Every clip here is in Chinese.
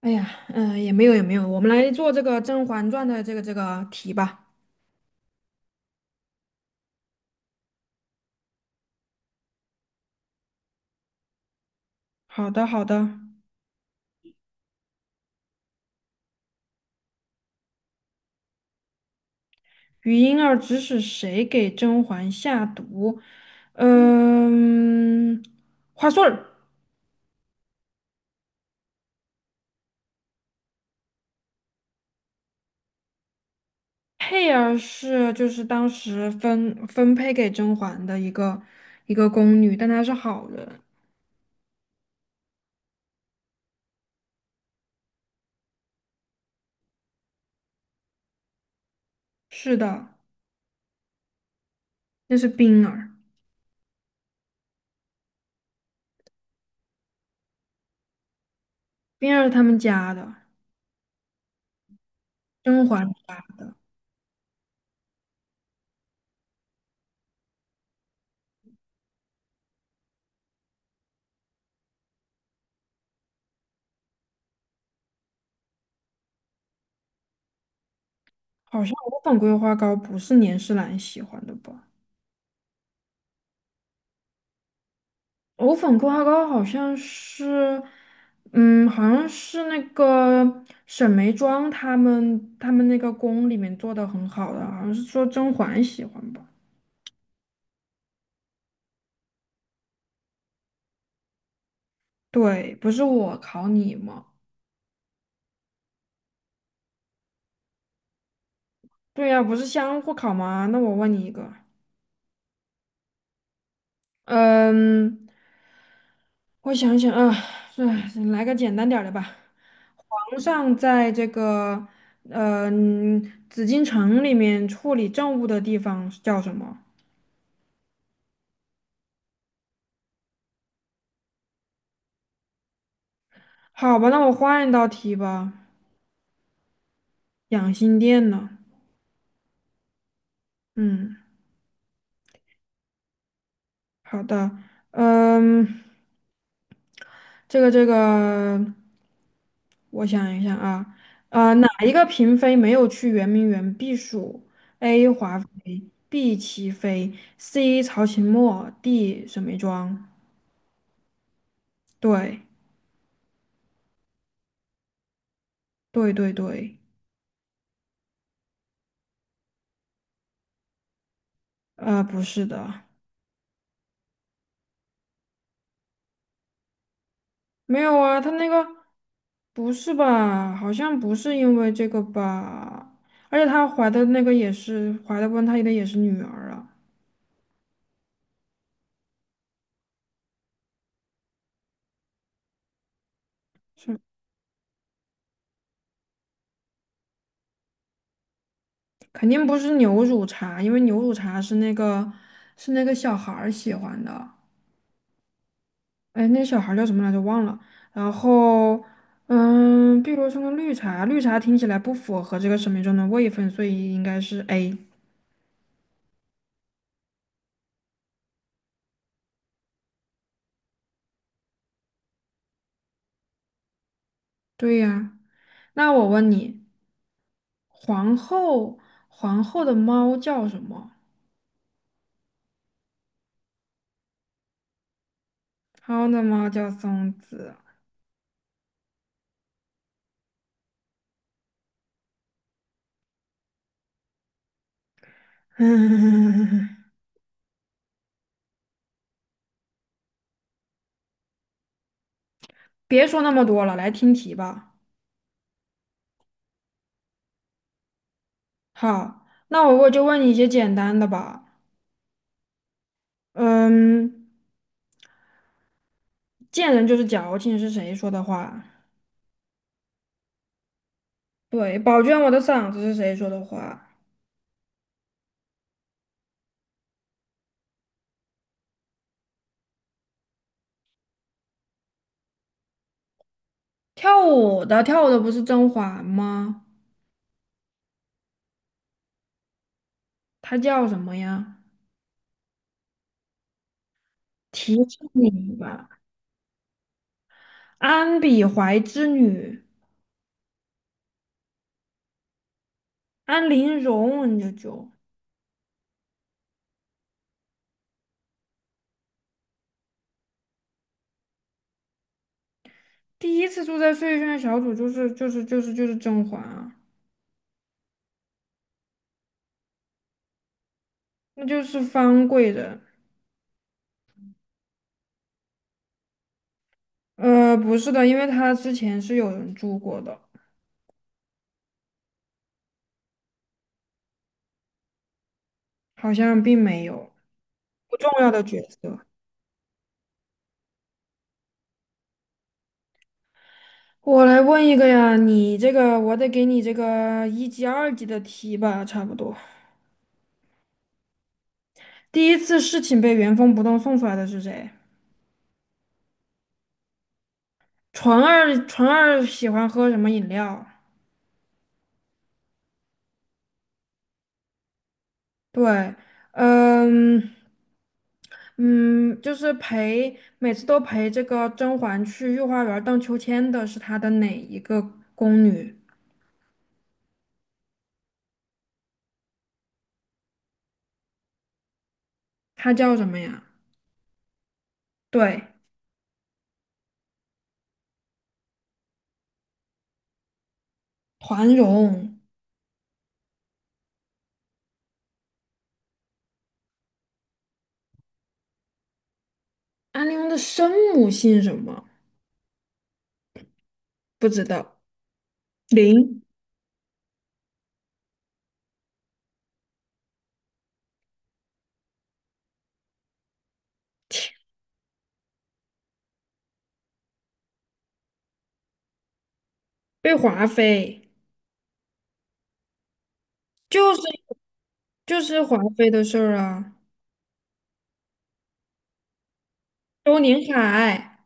哎呀，也没有也没有，我们来做这个《甄嬛传》的这个题吧。好的好的，余莺儿指使谁给甄嬛下毒？嗯，花穗儿，佩儿是就是当时分配给甄嬛的一个宫女，但她是好人。是的，那是冰儿，冰儿是他们家的，甄嬛家的。好像我粉桂花糕不是年世兰喜欢的吧？藕粉桂花糕好像是，嗯，好像是那个沈眉庄他们那个宫里面做的很好的，好像是说甄嬛喜欢吧？对，不是我考你吗？对呀、不是相互考吗？那我问你一个，嗯，我想想啊，哎，来个简单点儿的吧。皇上在这个呃紫禁城里面处理政务的地方是叫什么？好吧，那我换一道题吧。养心殿呢？嗯，好的，嗯，这个，我想一想啊，哪一个嫔妃没有去圆明园避暑？A. 华妃，B. 祺妃，C. 曹琴墨，D. 沈眉庄。对，对对对，不是的，没有啊，他那个。不是吧？好像不是因为这个吧？而且她怀的那个也是怀的温她的也是女儿啊，是肯定不是牛乳茶，因为牛乳茶是那个小孩儿喜欢的，哎，那小孩儿叫什么来着？忘了。然后，嗯，碧螺春的绿茶，绿茶听起来不符合这个生命中的位分，所以应该是 A。对呀，那我问你，皇后皇后的猫叫什么？皇后的猫叫松子。嗯，别说那么多了，来听题吧。好，那我就问你一些简单的吧。嗯，贱人就是矫情是谁说的话？对，宝娟我的嗓子是谁说的话？跳舞的不是甄嬛吗？她叫什么呀？提示你吧，安比怀之女，安陵容，你这就第一次住在碎轩的小组就是甄嬛啊，那就是方贵人。不是的，因为他之前是有人住过的，好像并没有不重要的角色。我来问一个呀，你这个我得给你这个一级、二级的题吧，差不多。第一次事情被原封不动送出来的是谁？纯二，纯二喜欢喝什么饮料？对，嗯嗯，就是陪每次都陪这个甄嬛去御花园荡秋千的是她的哪一个宫女？她叫什么呀？对。团荣，安陵容的生母姓什么？不知道。林被华妃，就是就是华妃的事儿啊。周宁海，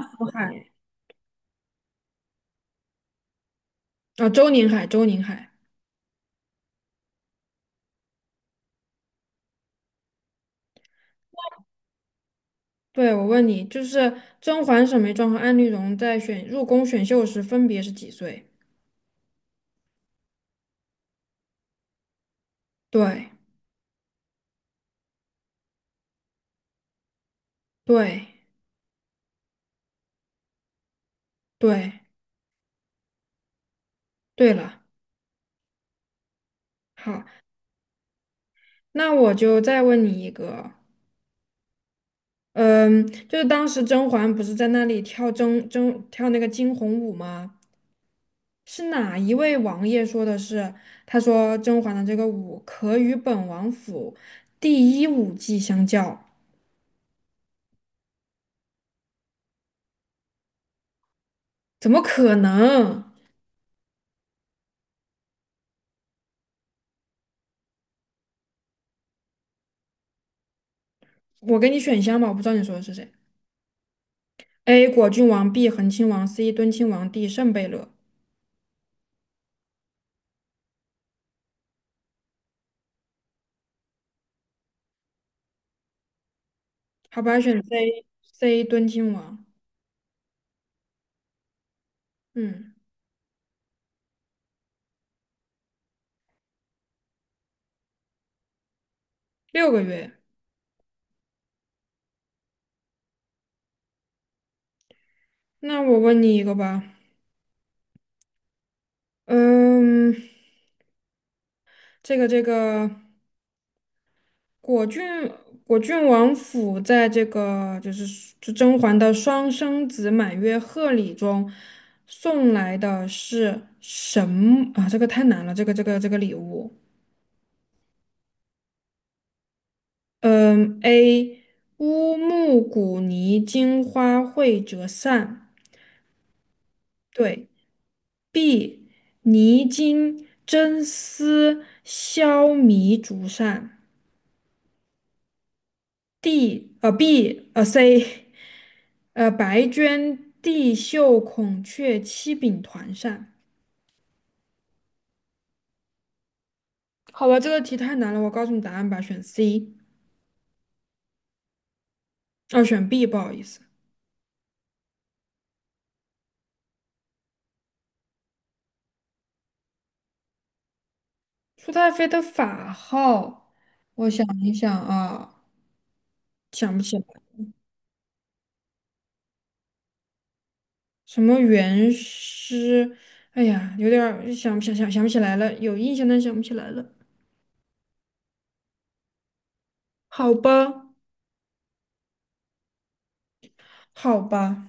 周海啊，周宁海，周宁海。对，我问你，就是甄嬛、沈眉庄和安陵容在选入宫选秀时分别是几岁？对，对，对，对了。好，那我就再问你一个，嗯，就是当时甄嬛不是在那里跳甄甄跳那个惊鸿舞吗？是哪一位王爷说的是？他说甄嬛的这个舞可与本王府第一舞技相较，怎么可能？我给你选项吧，我不知道你说的是谁。A. 果郡王，B. 恒亲王，C. 敦亲王，D. 圣贝勒。好吧，选 C，C 敦亲王。嗯，6个月。那我问你一个吧，嗯，这个这个。果郡果郡王府在这个就是就甄嬛的双生子满月贺礼中送来的是什么啊？这个太难了，这个礼物。嗯，A 乌木古泥金花卉折扇，对；B 泥金真丝绡迷竹扇；C，白绢地绣、孔雀、七柄团扇。好吧，这个题太难了，我告诉你答案吧，选 C,哦，选 B,不好意思。舒太妃的法号，我想一想啊，想不起来，什么元师？哎呀，有点儿想不起来了，有印象但想不起来了。好吧，好吧。